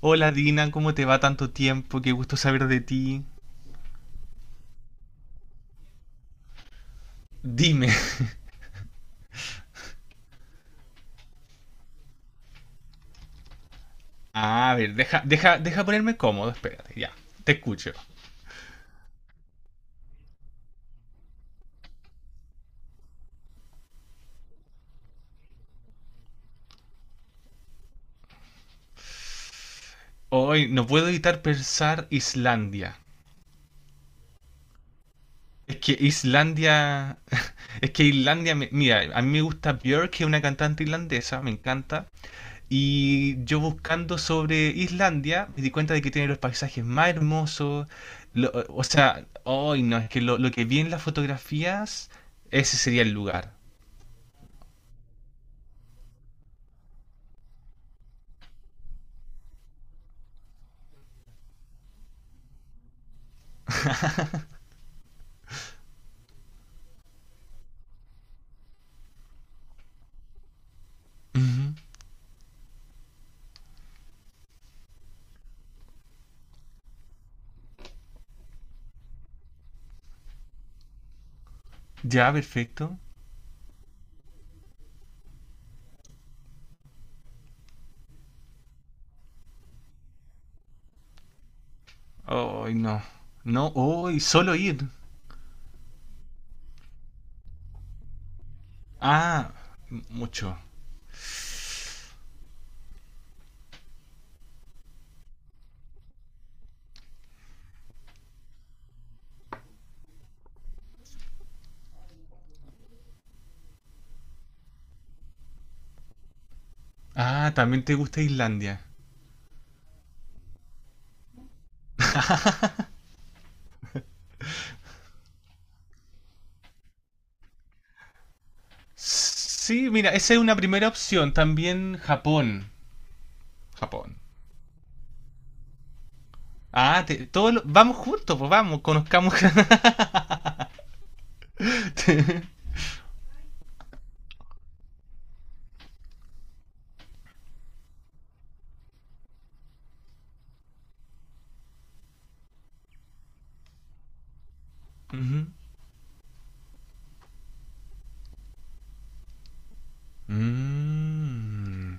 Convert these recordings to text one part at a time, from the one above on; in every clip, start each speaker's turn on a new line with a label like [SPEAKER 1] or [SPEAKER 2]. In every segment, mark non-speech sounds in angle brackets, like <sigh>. [SPEAKER 1] Hola Dina, ¿cómo te va tanto tiempo? Qué gusto saber de ti. Dime. <laughs> A ver, deja ponerme cómodo, espérate, ya. Te escucho. Hoy no puedo evitar pensar Islandia. Es que Islandia. <laughs> Es que Islandia. Mira, a mí me gusta Björk, que es una cantante irlandesa, me encanta. Y yo buscando sobre Islandia, me di cuenta de que tiene los paisajes más hermosos. O sea, hoy no, es que lo que vi en las fotografías, ese sería el lugar. Ya, perfecto. Ay, no. No, hoy solo ir. Ah, mucho. Ah, también te gusta Islandia. Sí, mira, esa es una primera opción. También Japón. Japón. Ah, vamos juntos, pues vamos, conozcamos. <laughs> Ujú. Mm.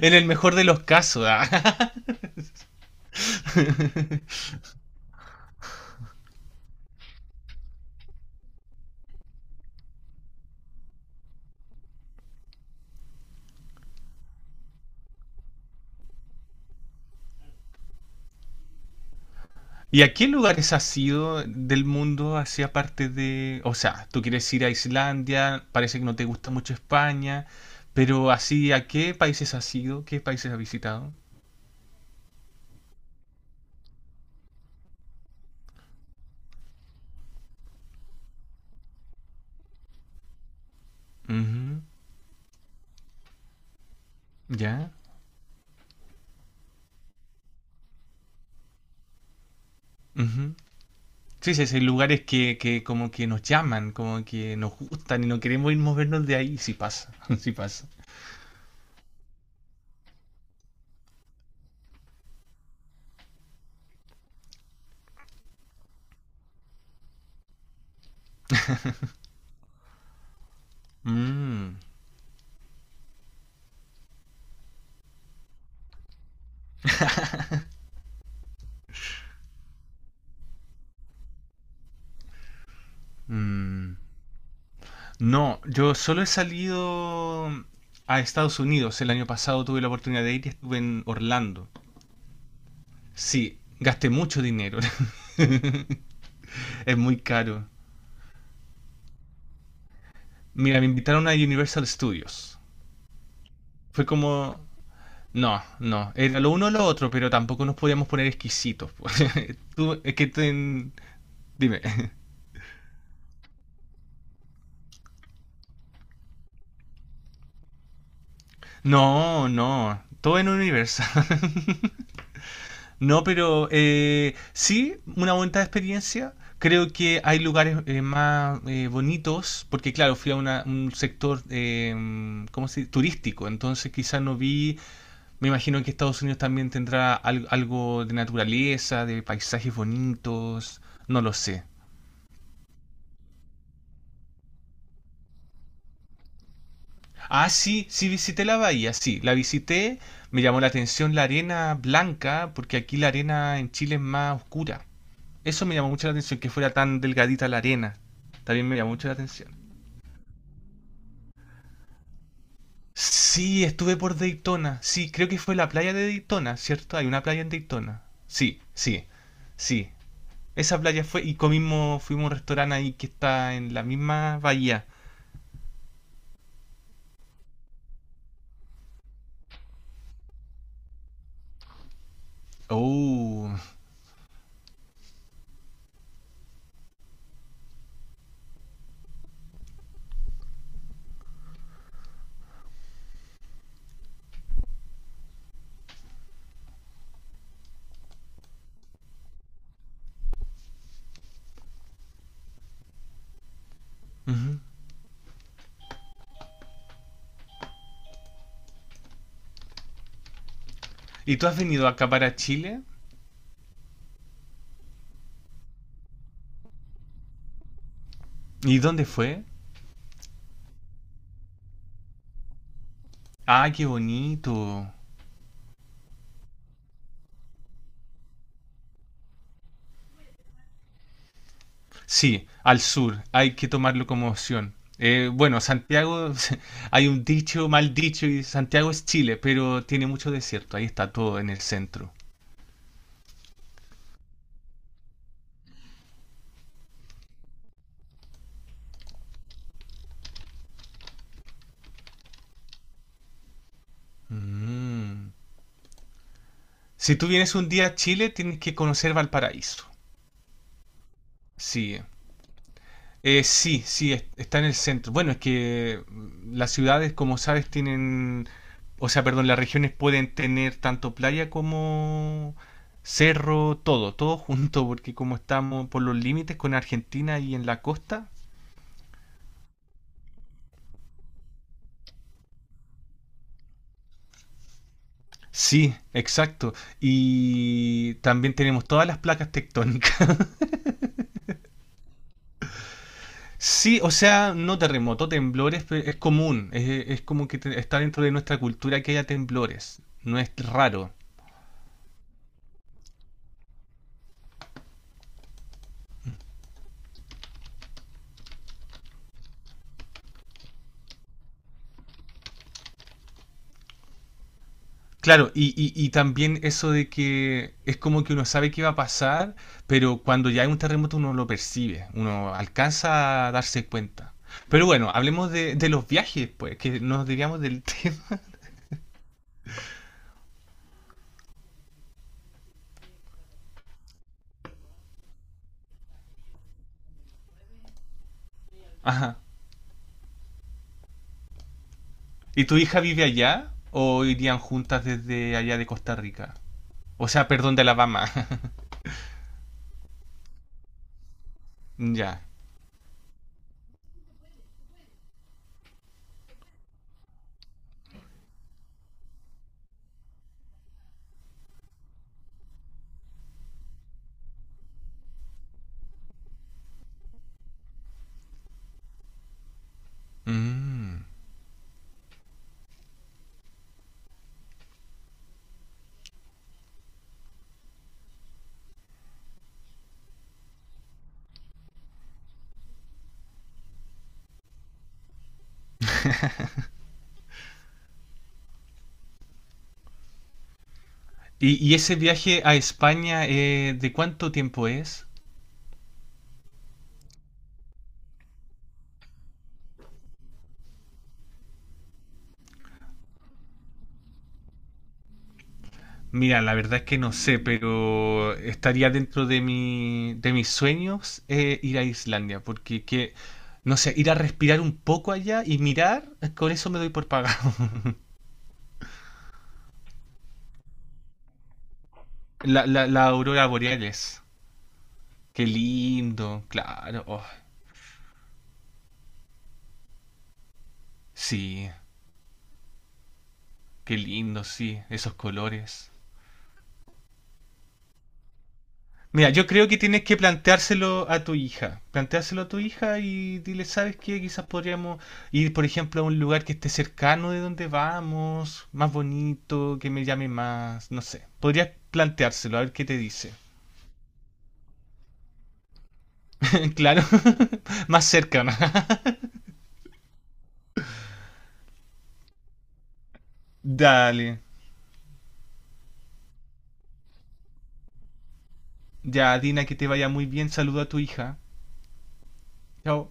[SPEAKER 1] En el mejor de los casos. Ah. ¿Y a qué lugares has ido del mundo hacia parte de... O sea, tú quieres ir a Islandia, parece que no te gusta mucho España, pero así, ¿a qué países has ido? ¿Qué países has visitado? Ujú. ¿Ya? Ujú. Sí, sí, sí, hay lugares que como que nos llaman, como que nos gustan y no queremos ir movernos de ahí, sí pasa, <laughs> sí pasa. Mm, mm. No, yo solo he salido a Estados Unidos. El año pasado tuve la oportunidad de ir y estuve en Orlando. Sí, gasté mucho dinero. <laughs> Es muy caro. Mira, me invitaron a Universal Studios. Fue como... No, no, era lo uno o lo otro, pero tampoco nos podíamos poner exquisitos, pues. <laughs> Tú, Dime. <laughs> No, no, todo en Universal. <laughs> No, pero sí, una bonita experiencia. Creo que hay lugares más bonitos, porque claro, fui a un sector ¿cómo se dice? Turístico, entonces quizás no vi. Me imagino que Estados Unidos también tendrá algo de naturaleza, de paisajes bonitos, no lo sé. Ah, sí, sí visité la bahía, sí, la visité, me llamó la atención la arena blanca, porque aquí la arena en Chile es más oscura. Eso me llamó mucho la atención, que fuera tan delgadita la arena. También me llamó mucho la atención. Sí, estuve por Daytona, sí, creo que fue la playa de Daytona, ¿cierto? Hay una playa en Daytona. Sí, sí, sí. Esa playa fue y comimos, fuimos a un restaurante ahí que está en la misma bahía. Oh. Ujú. ¿Y tú has venido acá para Chile? ¿Y dónde fue? Ah, qué bonito. Sí, al sur. Hay que tomarlo como opción. Bueno, Santiago, <laughs> hay un dicho, mal dicho, y Santiago es Chile, pero tiene mucho desierto. Ahí está todo en el centro. Mm. Si tú vienes un día a Chile, tienes que conocer Valparaíso. Sí, eh, sí, sí, está en el centro. Bueno, es que las ciudades, como sabes, tienen, o sea, perdón, las regiones pueden tener tanto playa como cerro, todo, todo <laughs> junto, porque como estamos por los límites con Argentina y en la costa, sí, exacto. Y también tenemos todas las placas tectónicas. <laughs> Sí, o sea, no terremoto, temblores, es común, es como que está dentro de nuestra cultura que haya temblores, no es raro. Claro, y también eso de que es como que uno sabe qué va a pasar, pero cuando ya hay un terremoto uno lo percibe, uno alcanza a darse cuenta. Pero bueno, hablemos de los viajes, pues, que nos digamos del <laughs> tema. Ajá. ¿Y tu hija vive allá o irían juntas desde allá de Costa Rica? O sea, perdón, de Alabama. <laughs> Ya. Mm. ¿Y ese viaje a España, de cuánto tiempo es? Mira, la verdad es que no sé, pero estaría dentro de mi, de mis sueños ir a Islandia, porque que, no sé, ir a respirar un poco allá y mirar, con eso me doy por pagado. <laughs> La aurora boreales. Qué lindo, claro. Oh, sí, qué lindo, sí, esos colores. Mira, yo creo que tienes que planteárselo a tu hija. Planteárselo a tu hija y dile, ¿sabes qué? Quizás podríamos ir, por ejemplo, a un lugar que esté cercano de donde vamos, más bonito, que me llame más, no sé. Podrías planteárselo, a ver qué te dice. <laughs> Claro, <laughs> más cercano. <laughs> Dale. Ya, Dina, que te vaya muy bien. Saluda a tu hija. Chao.